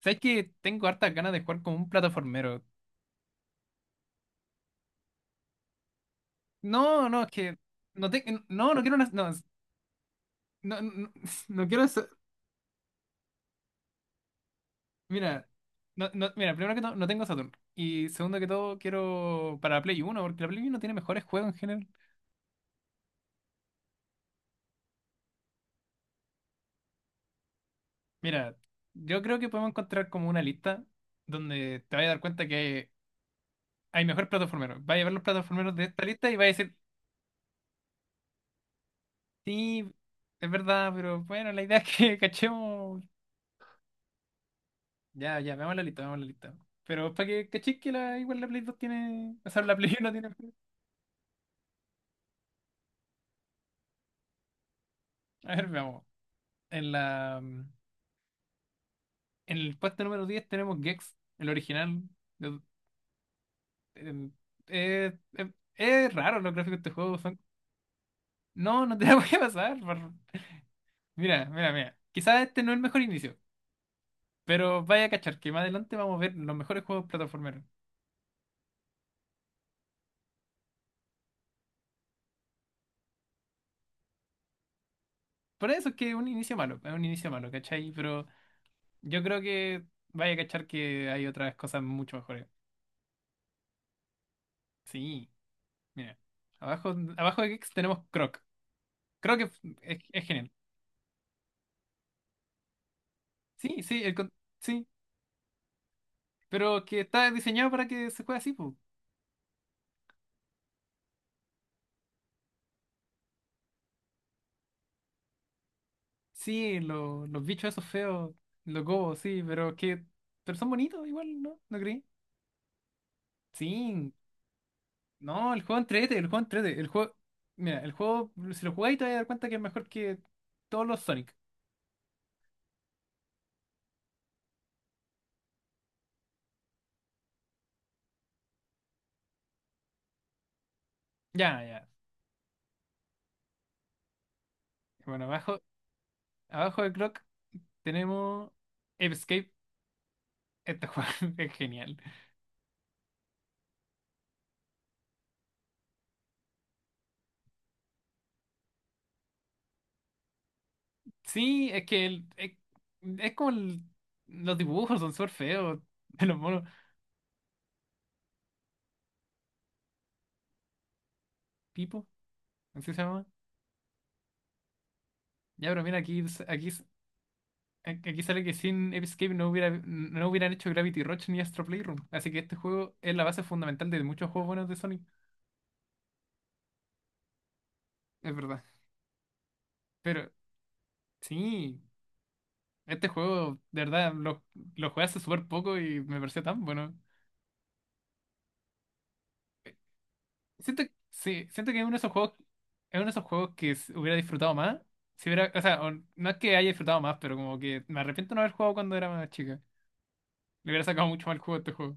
¿Sabes que tengo hartas ganas de jugar como un plataformero? No, no, es que no, no quiero una, no, no, no, no quiero eso. Mira, no, no, mira, primero que todo, no tengo Saturn. Y segundo que todo, quiero para Play 1 porque la Play 1 tiene mejores juegos en general. Mira, yo creo que podemos encontrar como una lista donde te vayas a dar cuenta que hay mejores plataformeros. Vaya a ver los plataformeros de esta lista y vaya a decir, sí, es verdad, pero bueno, la idea es que cachemos. Ya, ya, veamos la lista, veamos la lista. Pero para que cachis que igual la Play 2 tiene. O sea, la Play 1 tiene. A ver, veamos. En la. En el puesto número 10 tenemos Gex, el original. Yo- em, Raro los gráficos de este juego. Son. No, no te la voy a pasar. Mira, mira, mira. Quizás este no es el mejor inicio. Pero vaya a cachar que más adelante vamos a ver los mejores juegos plataformeros. Por eso es que es un inicio malo, es un inicio malo, ¿cachai? Pero yo creo que vaya a cachar que hay otras cosas mucho mejores. Sí. Mira, abajo de Geeks tenemos Croc. Croc es genial. Sí, sí, sí, pero que está diseñado para que se juegue así, pues. Sí, los bichos esos feos, los gobos, sí, pero son bonitos igual, ¿no? ¿No creí? Sí, no, el juego entrete, el juego entrete, el juego, mira, el juego, si lo jugáis te vas a dar cuenta que es mejor que todos los Sonic. Ya, ya. Bueno, abajo de Croc tenemos Escape. Este juego es genial. Sí, es que es como los dibujos son súper feos de los monos. Pipo, así se llama. Ya, pero mira, aquí, aquí sale que sin Escape no hubieran hecho Gravity Rush ni Astro Playroom. Así que este juego es la base fundamental de muchos juegos buenos de Sonic. Es verdad. Pero sí, este juego, de verdad, lo jugué hace súper poco y me pareció tan bueno. Siento, sí, siento que es uno de esos juegos, es uno de esos juegos que s- hubiera disfrutado más. Si hubiera, o sea, no es que haya disfrutado más, pero como que me arrepiento de no haber jugado cuando era más chica. Le hubiera sacado mucho más el juego a este juego.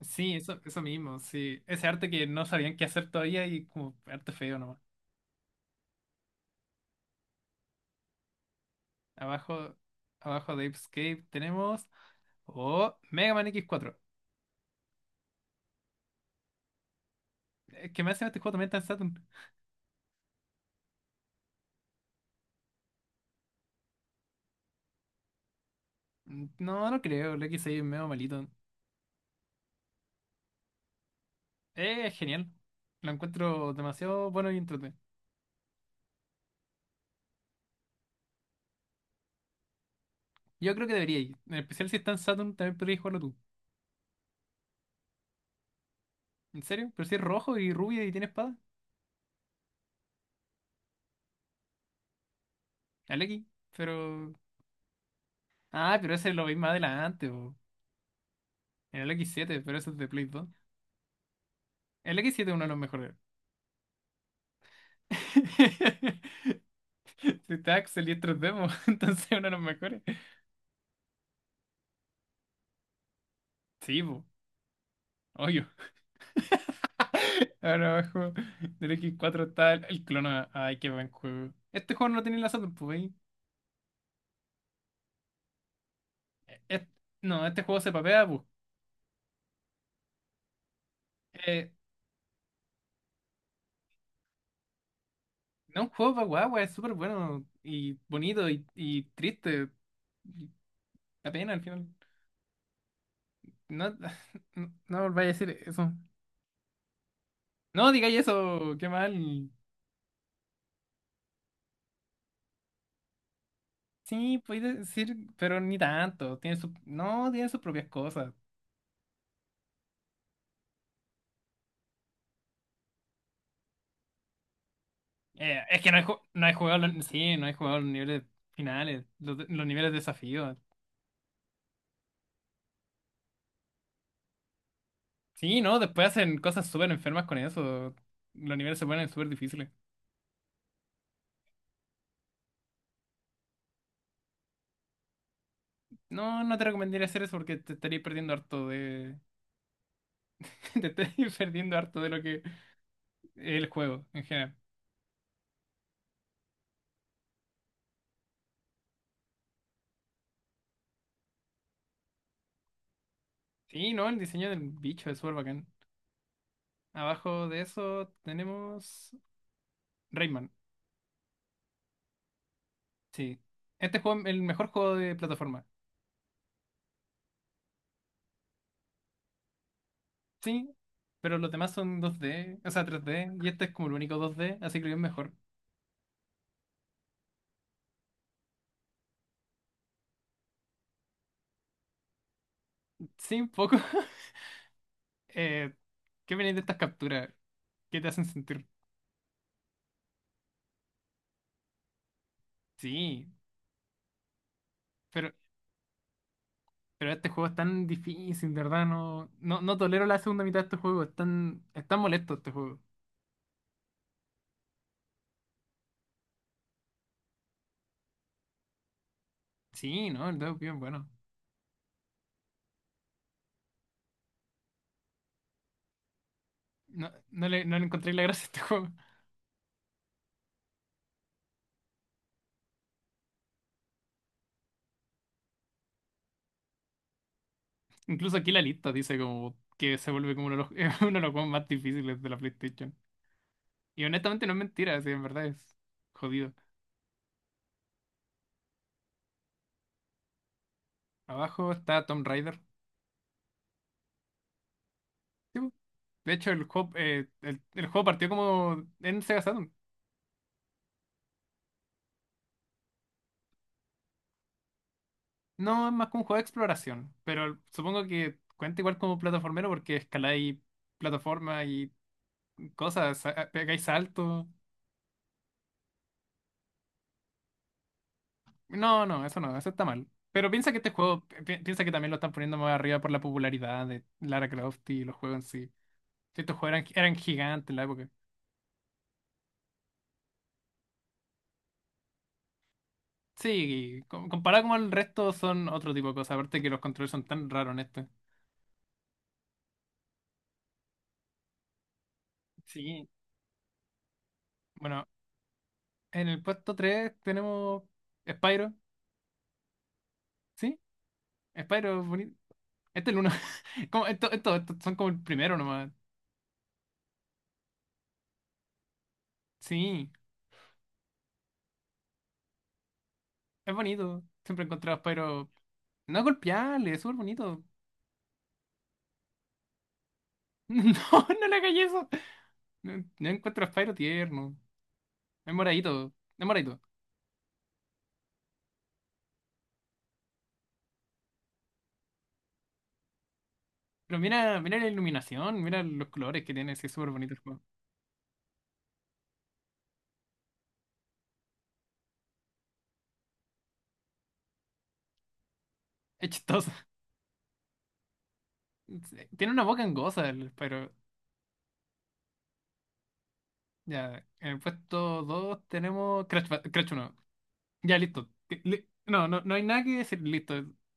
Sí, eso mismo, sí. Ese arte que no sabían qué hacer todavía y como arte feo nomás. Abajo, abajo de Ape Escape tenemos. Oh, Mega Man X4. Es que me hace este juego también está en Saturn. Mm, no, no creo, el X6 es medio malito. Es genial. Lo encuentro demasiado bueno y entretenido. Yo creo que debería ir. En especial si está en Saturn, también podrías jugarlo tú. ¿En serio? Pero si es rojo y rubia y tiene espada. El X. Pero. Ah, pero ese lo veis más adelante, po. En el X7, pero ese es de Play 2. El x siete es uno de los mejores. Si está Axel y es 3D, po, entonces es uno de los mejores. Sí, po. Obvio. Ahora abajo del X4 está el clona. Ay, qué buen juego. Este juego no lo tenía en la Saturn, pues. ¿Veis? Eh, eh, No, este juego se papea, pues. No, un juego para guagua, es súper bueno y bonito y triste. Y da pena al final. No, no, no volváis a decir eso. No digáis eso, qué mal. Sí, podéis decir, pero ni tanto. No, tiene sus propias cosas. Es que no hay jugado, sí, no hay jugado los niveles finales, los niveles de desafío. Sí, no, después hacen cosas súper enfermas con eso. Los niveles se ponen súper difíciles. No, no te recomendaría hacer eso porque te estarías perdiendo harto de. Te estás perdiendo harto de lo que es el juego en general. Sí, no, el diseño del bicho es súper bacán. Abajo de eso tenemos Rayman. Sí. Este juego es el mejor juego de plataforma. Sí, pero los demás son 2D, o sea, 3D y este es como el único 2D, así que es mejor. Sí, un poco. Eh, ¿Qué viene de estas capturas? ¿Qué te hacen sentir? Sí, pero, pero este juego es tan difícil, de verdad, no, no, no tolero la segunda mitad de este juego, es tan molesto este juego. Sí, no, el Dove bien bueno. No, no le encontré la gracia a este juego. Incluso aquí la lista dice como que se vuelve como es uno de los juegos más difíciles de la PlayStation. Y honestamente no es mentira, sí, en verdad es jodido. Abajo está Tomb Raider. Sí, po. De hecho, el juego partió como en Sega Saturn. No es más que un juego de exploración, pero supongo que cuenta igual como plataformero porque escaláis plataforma y cosas, pegáis saltos. No, no, eso no, eso está mal. Pero piensa que este juego, pi- piensa que también lo están poniendo más arriba por la popularidad de Lara Croft y los juegos en sí. Si estos juegos eran gigantes en la época. Sí, comparado con el resto son otro tipo de cosas, aparte que los controles son tan raros en este. Sí. Bueno, en el puesto 3 tenemos Spyro, ¿sí? Spyro es bonito. Este es el uno. Como, esto son como el primero nomás. Sí, es bonito. Siempre he encontrado a Spyro. No es golpeable, es súper bonito. No, no le hagáis eso. No, no encuentro a Spyro tierno. Es moradito, es moradito. Pero mira, mira la iluminación, mira los colores que tiene, sí, es súper bonito el juego. Es chistoso. Tiene una boca angosa el Spyro. Ya, en el puesto 2 tenemos Crash, Crash 1. Ya, listo. No, no, no hay nada que decir, listo.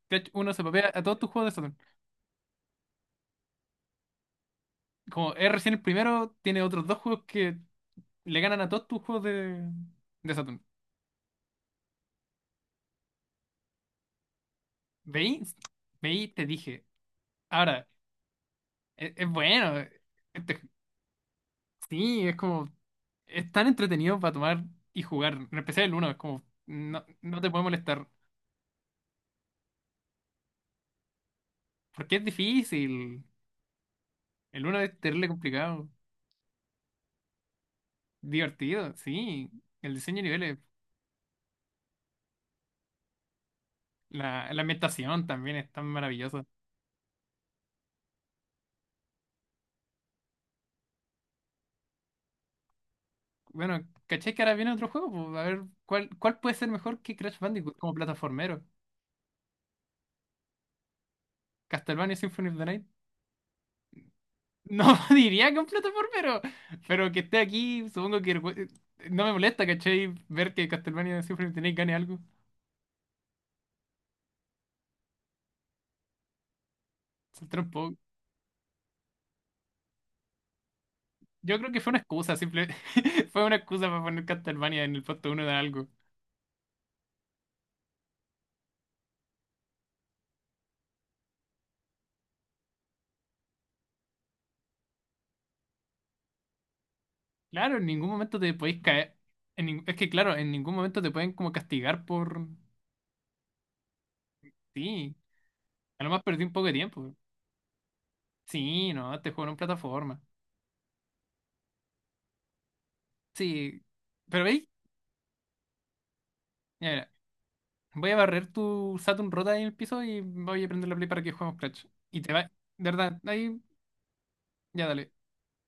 Crash 1 se papea a todos tus juegos de Saturn. Como es recién el primero, tiene otros dos juegos que le ganan a todos tus juegos de Saturn. ¿Veis? ¿Veis? Te dije. Ahora, es bueno. Este, sí, es como, es tan entretenido para tomar y jugar. En especial el uno, es como, no, no te puede molestar. Porque es difícil. El uno es terrible complicado. Divertido, sí. El diseño de niveles, la ambientación también es tan maravillosa. Bueno, ¿cachai que ahora viene otro juego? Pues, a ver, ¿cuál puede ser mejor que Crash Bandicoot como plataformero? ¿Castlevania Symphony of the Night? No diría que un plataformero, pero que esté aquí, supongo que no me molesta, ¿cachai? Ver que Castlevania Symphony of the Night gane algo. Saltar un poco. Yo creo que fue una excusa, simple. Fue una excusa para poner Castlevania en el puesto uno de algo. Claro, en ningún momento te podéis caer. Es que, claro, en ningún momento te pueden como castigar por. Sí, a lo más perdí un poco de tiempo. Sí, no, te juego en plataforma. Sí, pero veis, Mira, mira, voy a barrer tu Saturn rota ahí en el piso y voy a prender la play para que juguemos Clash. Y te va. De verdad, ahí, ya dale.